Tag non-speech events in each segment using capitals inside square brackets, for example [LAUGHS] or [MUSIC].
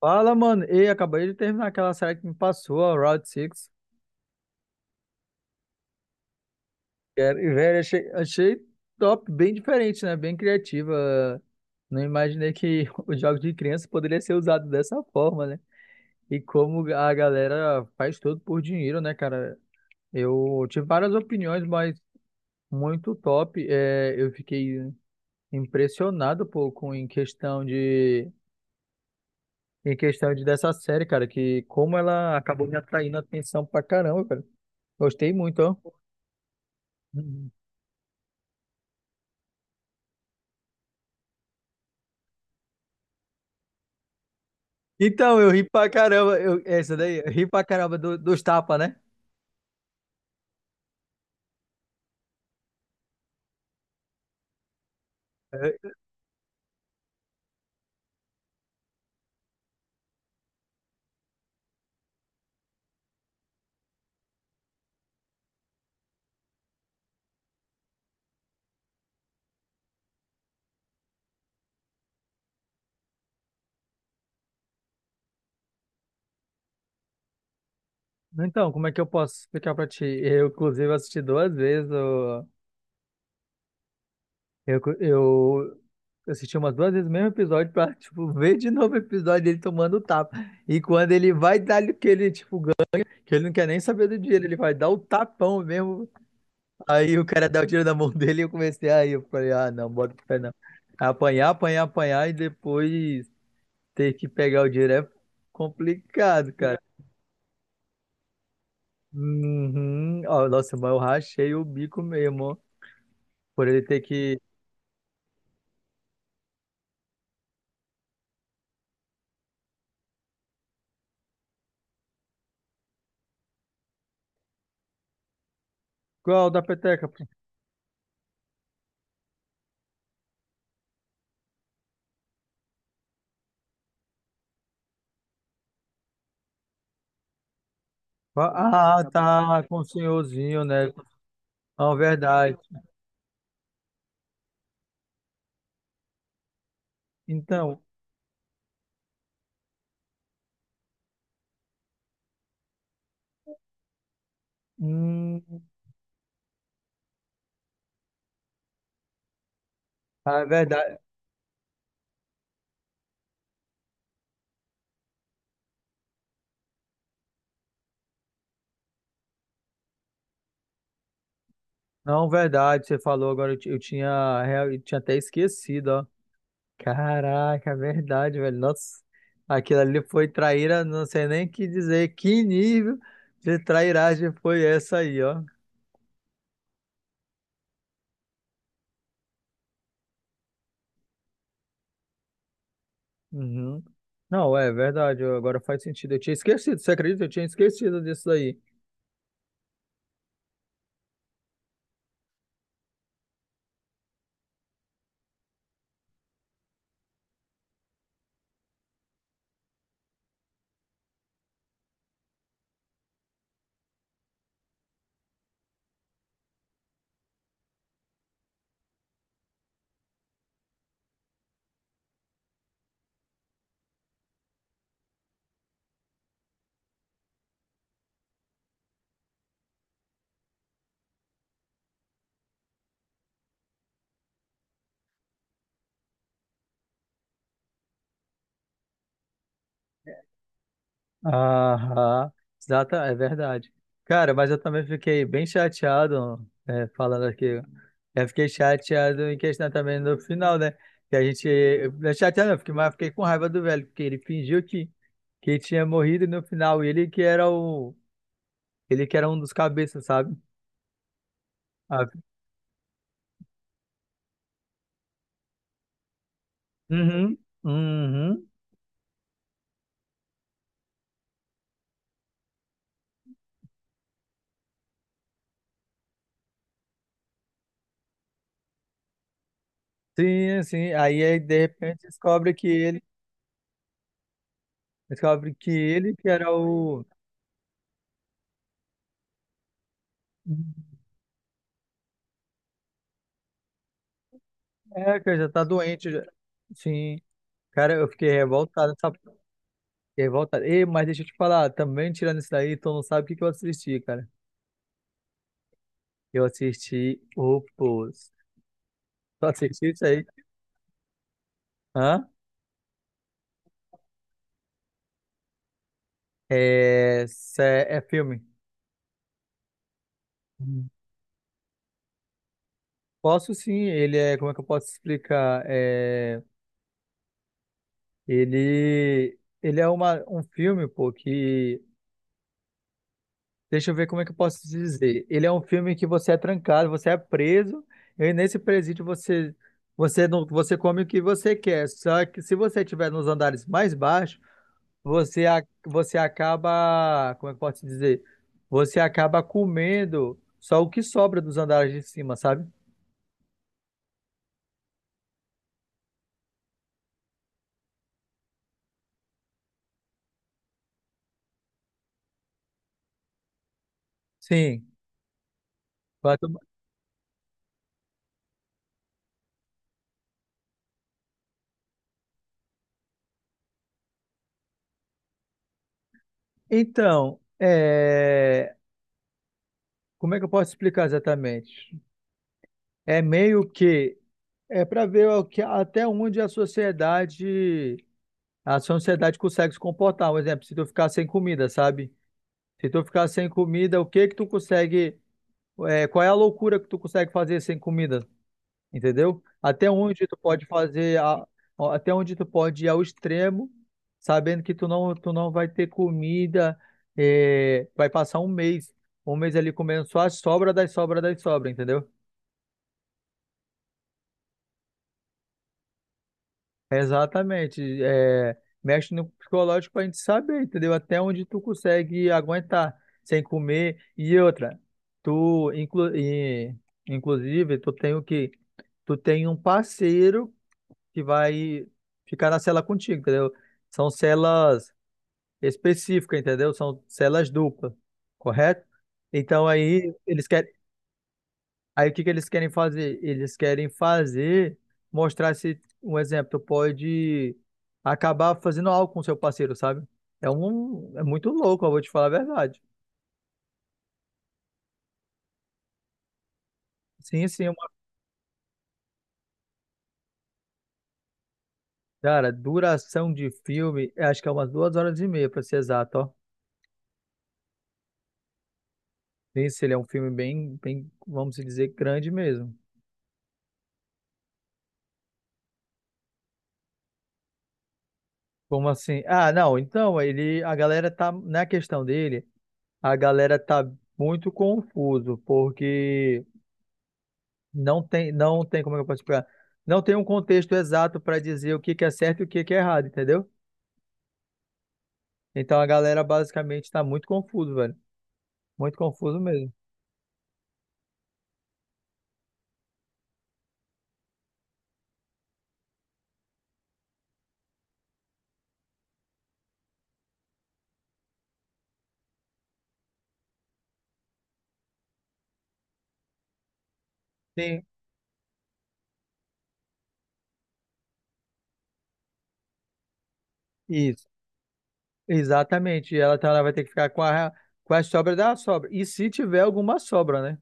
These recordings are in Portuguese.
Fala, mano. Ei, acabei de terminar aquela série que me passou, a Route 6. Velho, achei top, bem diferente, né? Bem criativa. Não imaginei que [LAUGHS] os jogos de criança poderia ser usado dessa forma, né? E como a galera faz tudo por dinheiro, né, cara? Eu tive várias opiniões, mas muito top. Eu fiquei impressionado, pô, com em questão de dessa série, cara, que como ela acabou me atraindo a atenção pra caramba, cara. Gostei muito, ó. Uhum. Então, eu ri pra caramba. Essa daí, eu ri pra caramba dos tapas, né? É, então, como é que eu posso explicar pra ti? Eu, inclusive, assisti duas vezes. Eu assisti umas duas vezes o mesmo episódio pra, [LAUGHS] tipo, ver de novo o episódio dele tomando tapa. E quando ele vai dar ali que ele, tipo, ganha, que ele não quer nem saber do dinheiro, ele vai dar o tapão mesmo. Aí o cara dá o tiro na mão dele e eu comecei aí. Eu falei, ah, não, bota o pé não. Apanhar, apanhar, apanhar e depois. Ter que pegar o dinheiro é complicado, cara. Uhum. Ó, nossa, mas eu rachei o bico mesmo, ó. Por ele ter que. Qual da peteca, pô? Ah, tá, com o senhorzinho, né? Não, verdade. Então, hum, ah, é verdade. Não, verdade, você falou agora, eu tinha, eu tinha até esquecido, ó. Caraca, é verdade, velho. Nossa, aquilo ali foi traíra, não sei nem o que dizer. Que nível de trairagem foi essa aí, ó? Uhum. Não, é verdade. Agora faz sentido. Eu tinha esquecido, você acredita? Eu tinha esquecido disso aí. Aham, exata, é verdade. Cara, mas eu também fiquei bem chateado, é, falando aqui. Eu fiquei chateado em questão também no final, né? Que a gente. Eu- Chateado, não, eu fiquei, mas fiquei com raiva do velho, porque ele fingiu que tinha morrido no final. E Ele que era o. Ele que era um dos cabeças, sabe? Ah, uhum, uhum. Sim, sim. Aí, aí, de repente descobre que ele descobre que ele que era o. É, cara, já tá doente. Já. Sim. Cara, eu fiquei revoltado, sabe? Fiquei revoltado. Ei, mas deixa eu te falar, também tirando isso daí, tu não sabe o que que eu assisti, cara. Eu assisti o Pose. Tu assistiu isso aí? Hã? É filme. Hum. Posso sim, ele é, como é que eu posso explicar? É, ele é uma, um filme, pô, que deixa eu ver como é que eu posso te dizer. Ele é um filme que você é trancado, você é preso, e nesse presídio você você não você come o que você quer. Só que se você estiver nos andares mais baixos, você acaba, como é que eu posso te dizer? Você acaba comendo só o que sobra dos andares de cima, sabe? Sim. Vai tomar- então, é, como é que eu posso explicar exatamente? É meio que é para ver até onde a sociedade a sua sociedade consegue se comportar. Um exemplo, se tu ficar sem comida, sabe? Se tu ficar sem comida, o que que tu consegue, é, qual é a loucura que tu consegue fazer sem comida, entendeu? Até onde tu pode fazer, ó, até onde tu pode ir ao extremo, sabendo que tu não vai ter comida, é, vai passar um mês ali comendo só a sobra das sobras, entendeu? Exatamente. É, mexe no psicológico pra gente saber, entendeu? Até onde tu consegue aguentar sem comer. E outra, tu, inclu, e, inclusive, tu tem o quê? Tu tem um parceiro que vai ficar na cela contigo, entendeu? São celas específicas, entendeu? São celas duplas, correto? Então aí eles querem, aí o que que eles querem fazer? Eles querem fazer, mostrar se, um exemplo, tu pode acabar fazendo algo com seu parceiro, sabe? É muito louco, eu vou te falar a verdade. Sim, sim, cara, duração de filme, eu acho que é umas duas horas e meia, pra ser exato, ó. Esse ele é um filme bem, bem, vamos dizer, grande mesmo. Como assim? Ah, não, então, ele, a galera tá, na questão dele, a galera tá muito confuso, porque não tem, como é que eu posso explicar? Não tem um contexto exato para dizer o que que é certo e o que que é errado, entendeu? Então a galera basicamente está muito confuso, velho. Muito confuso mesmo. Sim, isso. Exatamente. E ela, então, ela vai ter que ficar com a sobra da sobra. E se tiver alguma sobra, né?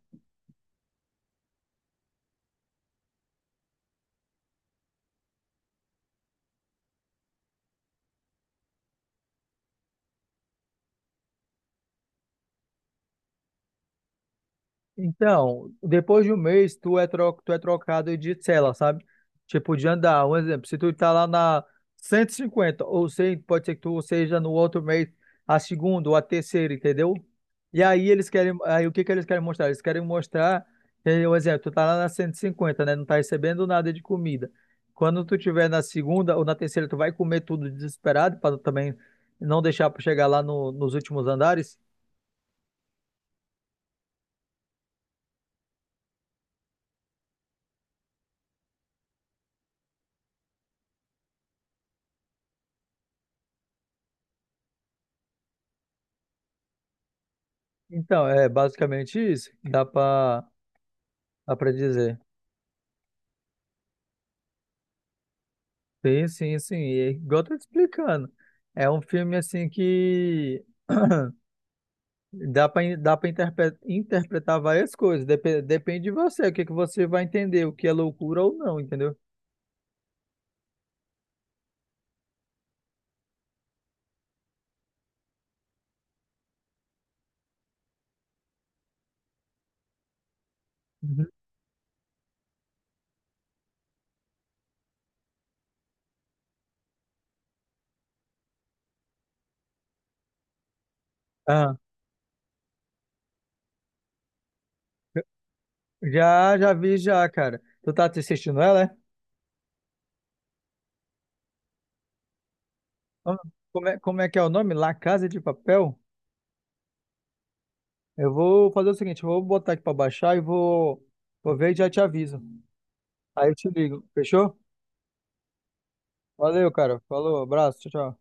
Então, depois de um mês, tu é trocado de cela, sabe? Tipo, de andar. Um exemplo, se tu tá lá na 150 ou sei, pode ser que tu seja no outro mês, a segunda ou a terceira, entendeu? E aí eles querem, aí o que que eles querem mostrar? Eles querem mostrar, entendeu? Um exemplo, tu tá lá na 150, né? Não tá recebendo nada de comida. Quando tu tiver na segunda ou na terceira, tu vai comer tudo desesperado, para também não deixar para chegar lá nos últimos andares. Então, é basicamente isso. Dá pra. Dá pra dizer. Sim, sim, sim. E é igual eu tô te explicando. É um filme assim que dá para interpretar várias coisas. Depende de você, o que que você vai entender, o que é loucura ou não, entendeu? Uhum. Ah, já vi já, cara. Tu tá assistindo ela, é? Ah, como é que é o nome? La Casa de Papel? Eu vou fazer o seguinte, eu vou botar aqui pra baixar e vou, vou ver e já te aviso. Aí eu te ligo, fechou? Valeu, cara. Falou, abraço, tchau, tchau.